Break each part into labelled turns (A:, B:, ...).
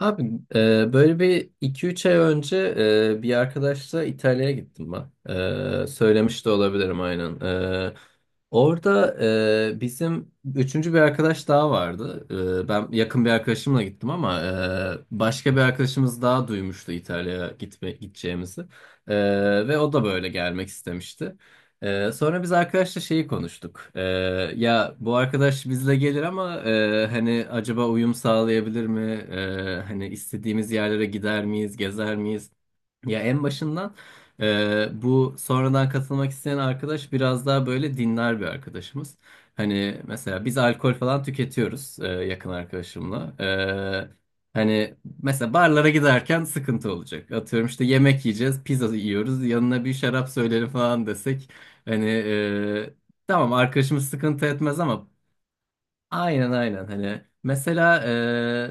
A: Abi böyle bir iki üç ay önce bir arkadaşla İtalya'ya gittim ben. Söylemiş de olabilirim aynen. Orada bizim üçüncü bir arkadaş daha vardı. Ben yakın bir arkadaşımla gittim ama başka bir arkadaşımız daha duymuştu İtalya'ya gitme, gideceğimizi. E, ve o da böyle gelmek istemişti. Sonra biz arkadaşla şeyi konuştuk. Ya bu arkadaş bizle gelir ama hani acaba uyum sağlayabilir mi? Hani istediğimiz yerlere gider miyiz, gezer miyiz? Ya en başından bu sonradan katılmak isteyen arkadaş biraz daha böyle dinler bir arkadaşımız. Hani mesela biz alkol falan tüketiyoruz yakın arkadaşımla. Hani mesela barlara giderken sıkıntı olacak. Atıyorum işte yemek yiyeceğiz, pizza yiyoruz, yanına bir şarap söylerim falan desek. Hani tamam, arkadaşımız sıkıntı etmez ama. Aynen aynen, hani mesela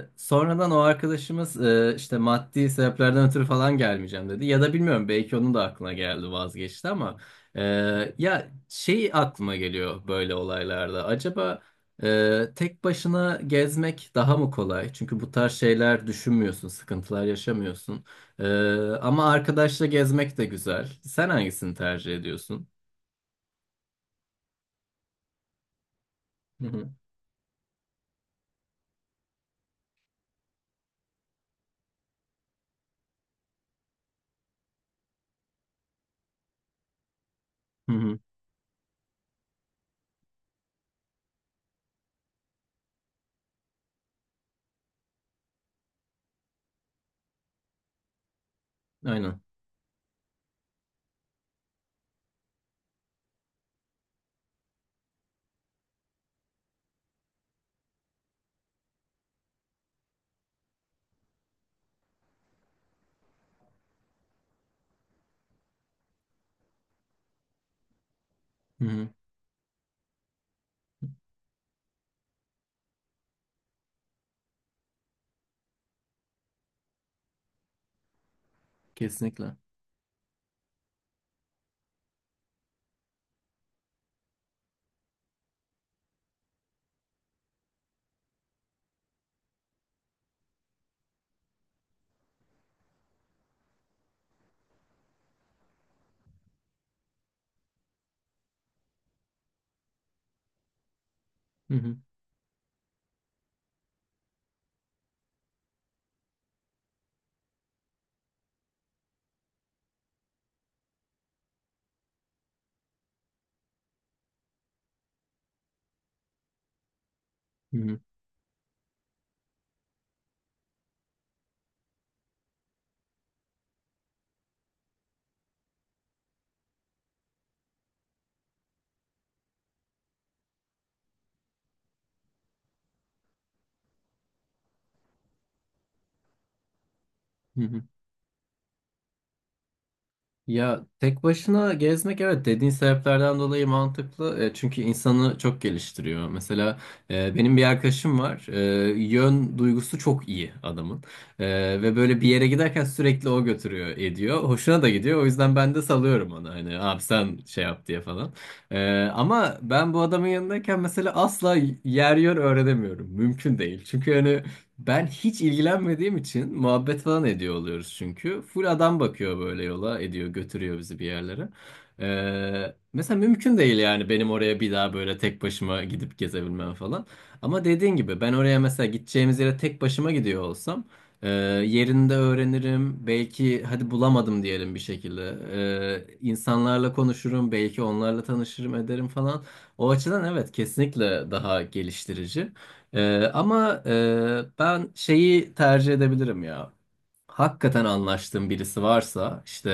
A: sonradan o arkadaşımız işte maddi sebeplerden ötürü falan gelmeyeceğim dedi ya da bilmiyorum belki onun da aklına geldi vazgeçti ama e, ya şey aklıma geliyor böyle olaylarda acaba tek başına gezmek daha mı kolay, çünkü bu tarz şeyler düşünmüyorsun, sıkıntılar yaşamıyorsun. E, ama arkadaşla gezmek de güzel, sen hangisini tercih ediyorsun? Hı hı. Hı hı. Aynen. Hı hı. Kesinlikle. Hı hı. Hı hı. Hı hı. Ya tek başına gezmek, evet, dediğin sebeplerden dolayı mantıklı. Çünkü insanı çok geliştiriyor. Mesela benim bir arkadaşım var. Yön duygusu çok iyi adamın. E, ve böyle bir yere giderken sürekli o götürüyor ediyor. Hoşuna da gidiyor. O yüzden ben de salıyorum ona. Hani abi sen şey yap diye falan. Ama ben bu adamın yanındayken mesela asla yer yön öğrenemiyorum. Mümkün değil. Çünkü hani ben hiç ilgilenmediğim için muhabbet falan ediyor oluyoruz çünkü. Full adam bakıyor böyle yola ediyor, götürüyor bizi bir yerlere. Mesela mümkün değil yani benim oraya bir daha böyle tek başıma gidip gezebilmem falan. Ama dediğin gibi ben oraya mesela gideceğimiz yere tek başıma gidiyor olsam e, yerinde öğrenirim. Belki hadi bulamadım diyelim bir şekilde. İnsanlarla konuşurum, belki onlarla tanışırım ederim falan. O açıdan evet, kesinlikle daha geliştirici. Ama ben şeyi tercih edebilirim ya. Hakikaten anlaştığım birisi varsa işte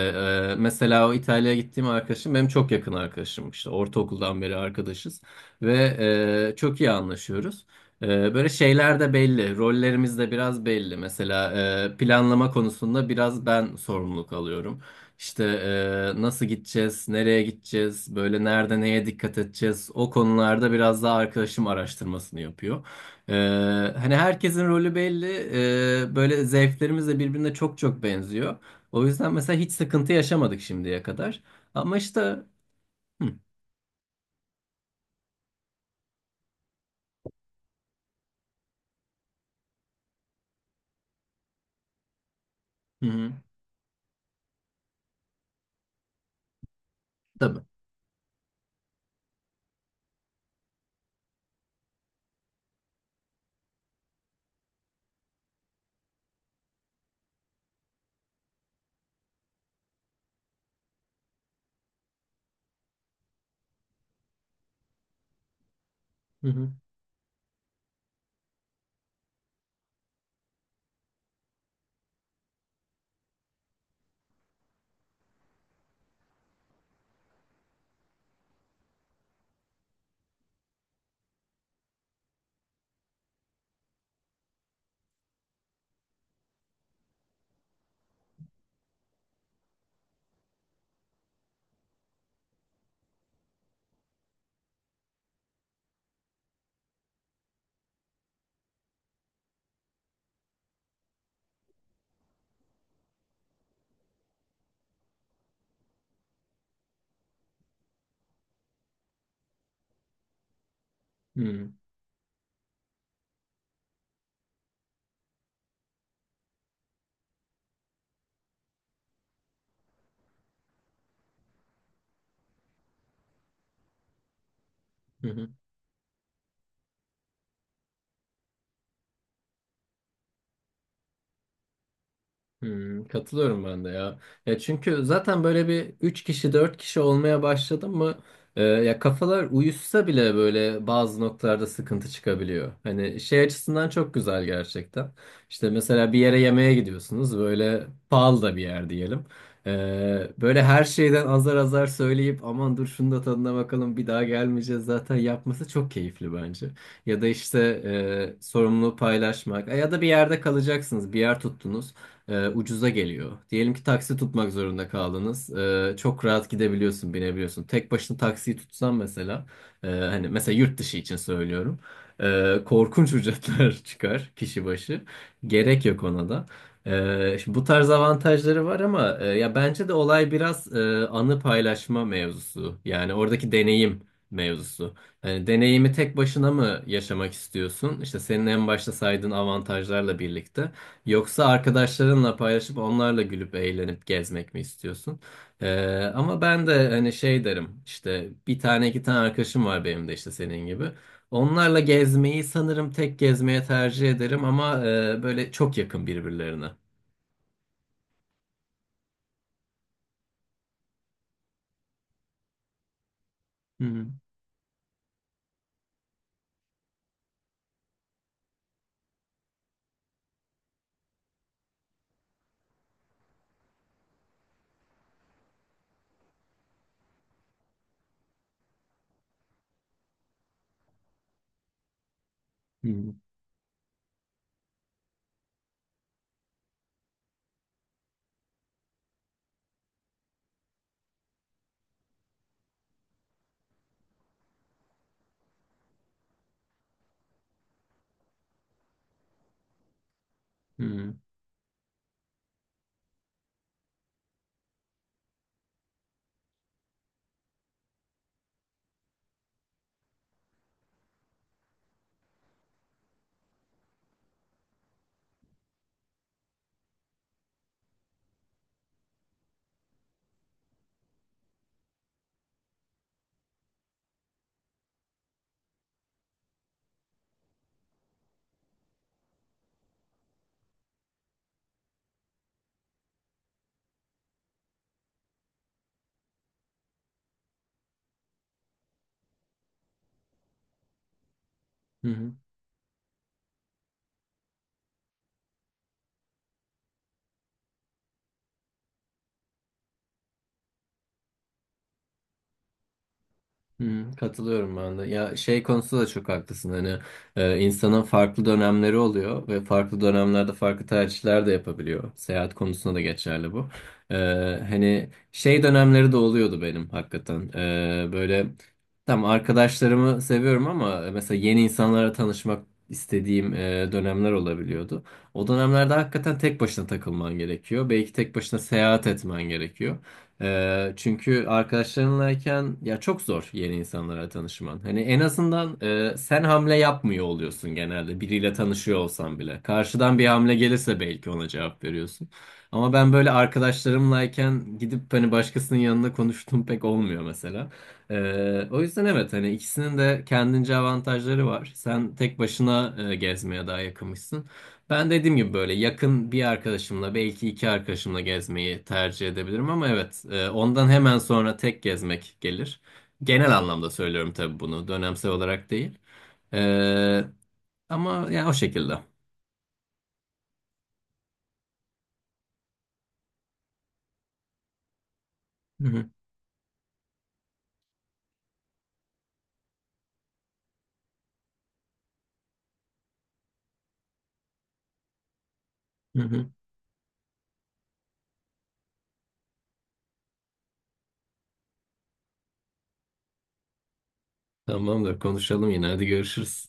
A: mesela o İtalya'ya gittiğim arkadaşım benim çok yakın arkadaşım, işte ortaokuldan beri arkadaşız ve çok iyi anlaşıyoruz. E, böyle şeyler de belli, rollerimiz de biraz belli. Mesela planlama konusunda biraz ben sorumluluk alıyorum. İşte nasıl gideceğiz, nereye gideceğiz, böyle nerede neye dikkat edeceğiz, o konularda biraz daha arkadaşım araştırmasını yapıyor. Ee, hani herkesin rolü belli. Böyle zevklerimiz de birbirine çok çok benziyor. O yüzden mesela hiç sıkıntı yaşamadık şimdiye kadar. Ama işte. Hı hı hı. Tabii. Hı hı hı hı. Hı hı. Hmm, katılıyorum ben de ya. Ya çünkü zaten böyle bir 3 kişi 4 kişi olmaya başladı mı ya kafalar uyuşsa bile böyle bazı noktalarda sıkıntı çıkabiliyor. Hani şey açısından çok güzel gerçekten. İşte mesela bir yere yemeğe gidiyorsunuz, böyle pahalı da bir yer diyelim. Böyle her şeyden azar azar söyleyip, aman dur şunu da tadına bakalım, bir daha gelmeyeceğiz zaten yapması çok keyifli bence. Ya da işte sorumluluğu paylaşmak. Ya da bir yerde kalacaksınız, bir yer tuttunuz ucuza geliyor. Diyelim ki taksi tutmak zorunda kaldınız. Çok rahat gidebiliyorsun, binebiliyorsun. Tek başına taksiyi tutsan mesela, hani mesela yurt dışı için söylüyorum. Korkunç ücretler çıkar kişi başı. Gerek yok ona da. Şimdi bu tarz avantajları var ama ya bence de olay biraz anı paylaşma mevzusu. Yani oradaki deneyim mevzusu. Yani deneyimi tek başına mı yaşamak istiyorsun? İşte senin en başta saydığın avantajlarla birlikte. Yoksa arkadaşlarınla paylaşıp onlarla gülüp eğlenip gezmek mi istiyorsun? Ama ben de hani şey derim, işte bir tane iki tane arkadaşım var benim de işte senin gibi. Onlarla gezmeyi sanırım tek gezmeye tercih ederim, ama böyle çok yakın birbirlerine. Hı hı hı hı hı. Hı. Hı, katılıyorum ben de. Ya şey konusunda da çok haklısın. Hani insanın farklı dönemleri oluyor ve farklı dönemlerde farklı tercihler de yapabiliyor. Seyahat konusunda da geçerli bu. E, hani şey dönemleri de oluyordu benim hakikaten. Böyle tam arkadaşlarımı seviyorum, ama mesela yeni insanlara tanışmak istediğim dönemler olabiliyordu. O dönemlerde hakikaten tek başına takılman gerekiyor. Belki tek başına seyahat etmen gerekiyor. Çünkü arkadaşlarınlayken ya çok zor yeni insanlara tanışman. Hani en azından sen hamle yapmıyor oluyorsun, genelde biriyle tanışıyor olsan bile karşıdan bir hamle gelirse belki ona cevap veriyorsun. Ama ben böyle arkadaşlarımlayken gidip hani başkasının yanında konuştuğum pek olmuyor mesela. O yüzden evet, hani ikisinin de kendince avantajları var. Sen tek başına gezmeye daha yakınmışsın. Ben dediğim gibi böyle yakın bir arkadaşımla, belki iki arkadaşımla gezmeyi tercih edebilirim ama evet, ondan hemen sonra tek gezmek gelir. Genel anlamda söylüyorum tabii bunu, dönemsel olarak değil. E, ama ya o şekilde. Hı hı, hı hı. Tamamdır, konuşalım yine, hadi görüşürüz.